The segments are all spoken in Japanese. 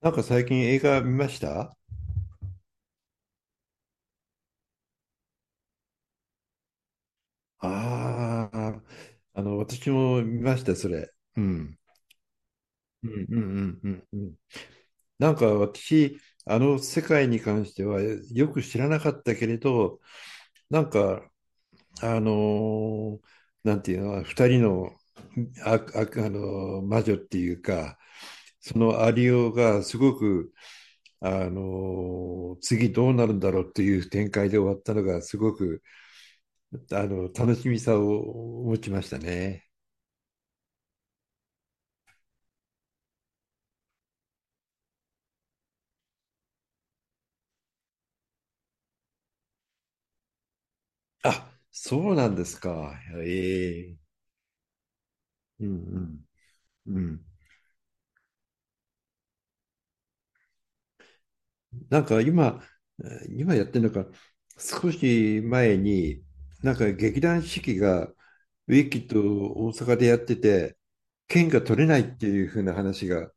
なんか最近映画見ました？ああ。私も見ました、それ。うん。うんうんうんうんうん。なんか私、あの世界に関してはよく知らなかったけれど、なんか、あのーなんていうの、二人の、あの魔女っていうか、そのアリオがすごく、次どうなるんだろうっていう展開で終わったのがすごく楽しみさを持ちましたね。あ、そうなんですか。ええ。うんうんうん。なんか今、やってるのか、少し前に、なんか劇団四季がウィキッドを大阪でやってて、券が取れないっていう風な話が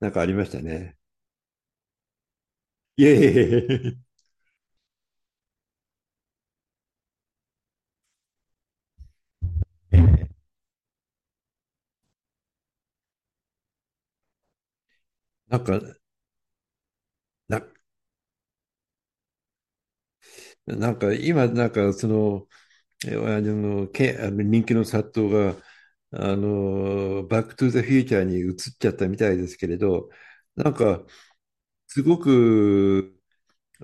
なんかありましたね。いえいえいえ。なんか、な、なんか今、なんかその、えあの、け、あの人気の殺到が、バックトゥザフューチャーに移っちゃったみたいですけれど、なんか、すごく、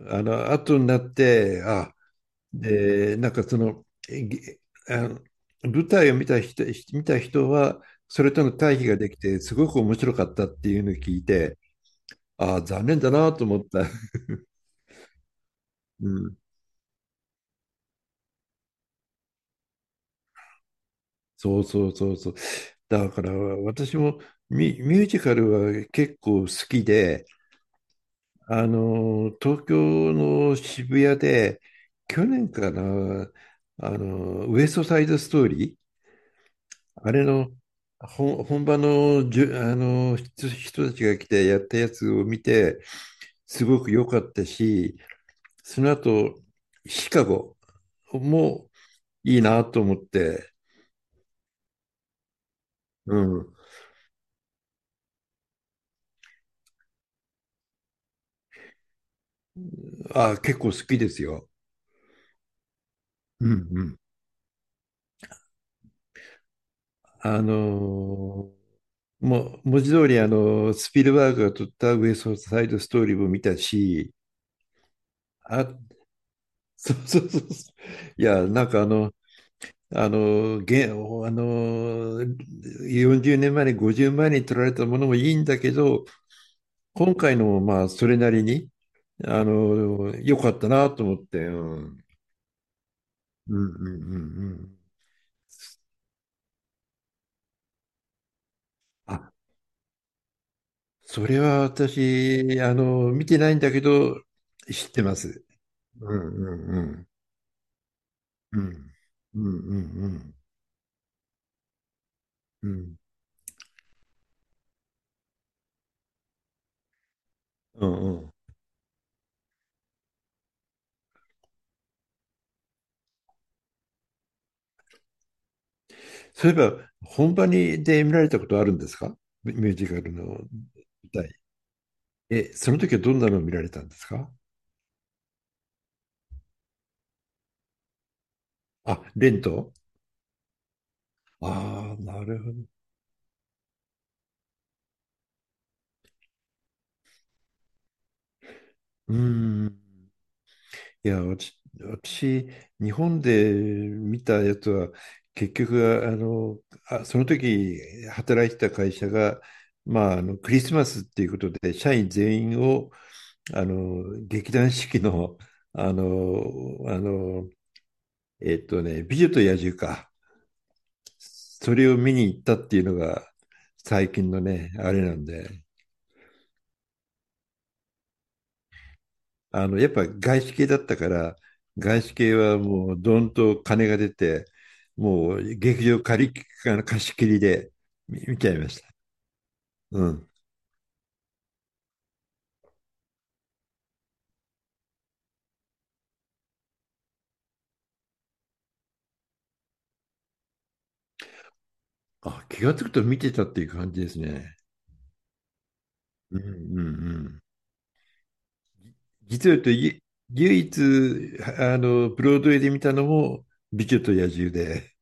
後になって、で、なんかその、えげあの、舞台を見た人は、それとの対比ができて、すごく面白かったっていうのを聞いて、あ、残念だなと思った。うんそうそうそうそう。だから私もミュージカルは結構好きで、東京の渋谷で、去年かな、ウエストサイドストーリー、あれの本場の、じゅ、あの、人たちが来てやったやつを見て、すごく良かったし、その後、シカゴもいいなと思って、うん。あ、結構好きですよ。うんうん。あのーもう文字通りあのスピルバーグが撮ったウエストサイドストーリーも見たし、あ、そうそうそうそう。いや、なんかあの、あの、現、あの、40年前に、50年前に撮られたものもいいんだけど、今回のもまあ、それなりに、良かったなと思って、うん。うんうんうんうん。あ、それは私、見てないんだけど、知ってます。うんうんうん。うん。うんうんうん。うん。うんうん。そういえば、本場にで見られたことあるんですか？ミュージカルの舞台。え、その時はどんなのを見られたんですか？あ、レント。ああなるほど。うん。いや、私日本で見たやつは、結局、その時働いてた会社が、まあ、クリスマスっていうことで、社員全員を劇団四季の、あの、あの、美女と野獣か。それを見に行ったっていうのが最近のね、あれなんで、やっぱ外資系だったから、外資系はもうどんと金が出て、もう劇場借り、あの貸し切りで見ちゃいました。うん。あ、気がつくと見てたっていう感じですね。うんうんうん。実を言うと、唯一、ブロードウェイで見たのも、美女と野獣で。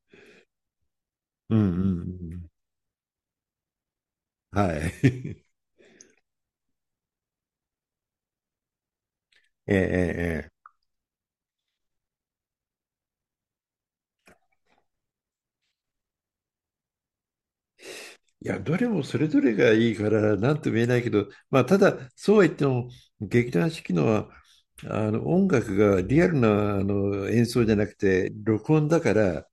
うんうんうん。はい。ええ、ええ、ええ。いや、どれもそれぞれがいいから、なんとも言えないけど、まあ、ただ、そうは言っても、劇団四季のは、音楽がリアルな、演奏じゃなくて、録音だから、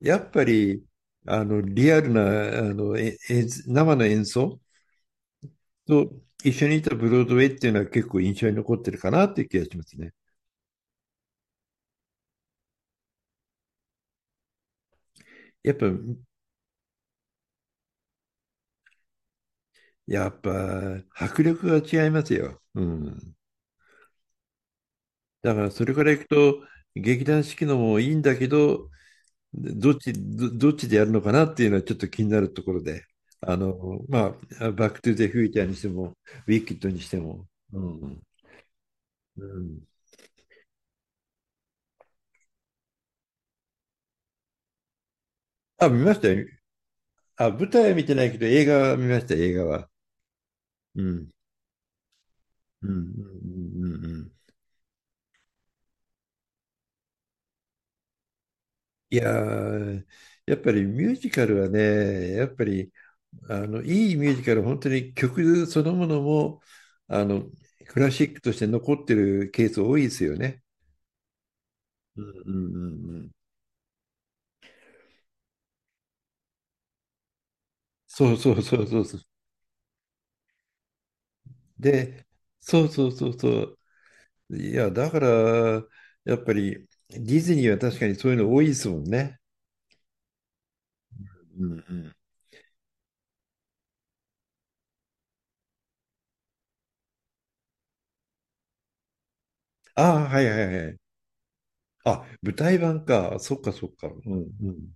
やっぱり、リアルな、あの、え演生の演奏と一緒にいたブロードウェイっていうのは結構印象に残ってるかなっていう気がしますね。やっぱ、やっぱ、迫力が違いますよ。うん。だから、それからいくと、劇団四季のもいいんだけど、どっちでやるのかなっていうのはちょっと気になるところで。まあ、バックトゥザフューチャーにしても、ウィキッドにしても。うん。うん。あ、見ましたよ。あ、舞台は見てないけど、映画は見ました、映画は。うん。うん。うん。うん。うん。うん。いやー、やっぱりミュージカルはね、やっぱりあのいいミュージカルは本当に曲そのものもあのクラシックとして残ってるケース多いですよね。うんうんうんうん。そうそうそうそうそう。で、そうそうそうそう。いや、だから、やっぱりディズニーは確かにそういうの多いですもんね。うん。うんうん。ああ、はいはいはい。あ、舞台版か。そっかそっか。うんうん。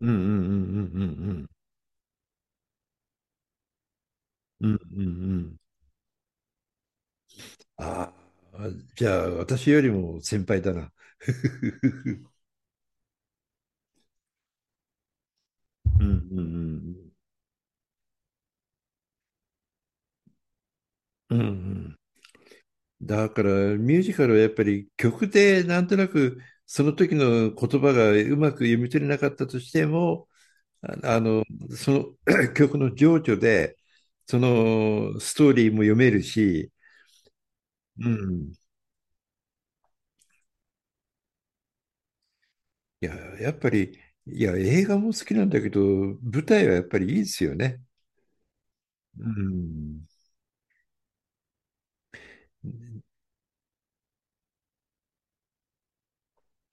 うんうんうんうんうんうん。うんうんうん。ああ、じゃあ私よりも先輩だな。うんうんうん。うんうん。だからミュージカルはやっぱり曲でなんとなくその時の言葉がうまく読み取れなかったとしても、ああの、その 曲の情緒でそのストーリーも読めるし、うん。いや、やっぱり、いや、映画も好きなんだけど、舞台はやっぱりいいですよね。うん。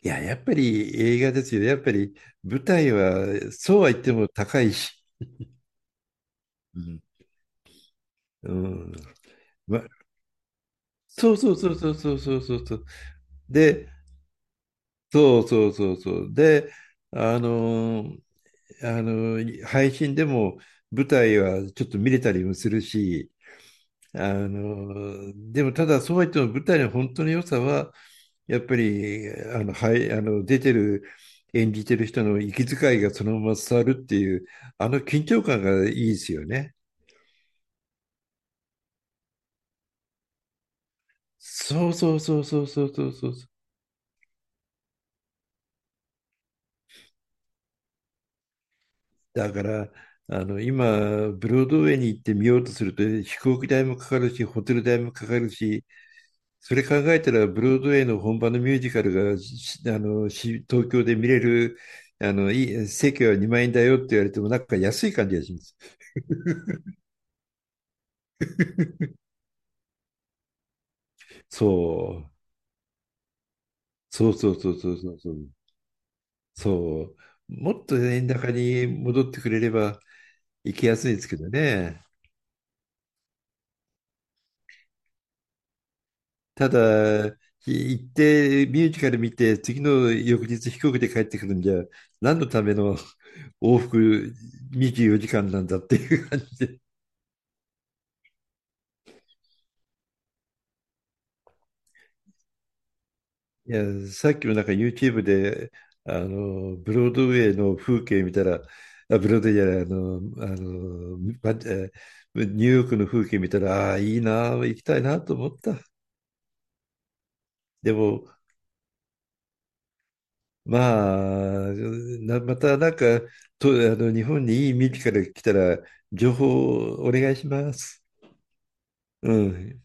いや、やっぱり映画ですよね。やっぱり舞台は、そうは言っても高いし。うん。うん。ま、そうそうそうそうそうそうそうそう。で、そうそうそうそう。で、あのー配信でも舞台はちょっと見れたりもするし、でもただそうは言っても舞台の本当の良さは、やっぱり、はい、あの、出てる、演じてる人の息遣いがそのまま伝わるっていう、あの緊張感がいいですよね。そうそうそうそうそうそうそう。だから、今、ブロードウェイに行って見ようとすると、飛行機代もかかるし、ホテル代もかかるし、それ考えたら、ブロードウェイの本場のミュージカルが、しあの、し東京で見れる、いい、席は2万円だよって言われても、なんか安い感じがします。そう。そうそうそうそうそうそう。そう。もっと円高に戻ってくれれば行きやすいですけどね。ただ、行ってミュージカル見て、次の翌日飛行機で帰ってくるんじゃ、何のための往復24時間なんだっていう感じで。いや、さっきもなんか YouTube で、ブロードウェイの風景見たら、あ、ブロードウェイじゃない、あの、あの、ばえーニューヨークの風景見たら、ああ、いいな、行きたいなと思った。でも、まあ、またなんか、と、あの、日本にいい耳から来たら、情報をお願いします。うん。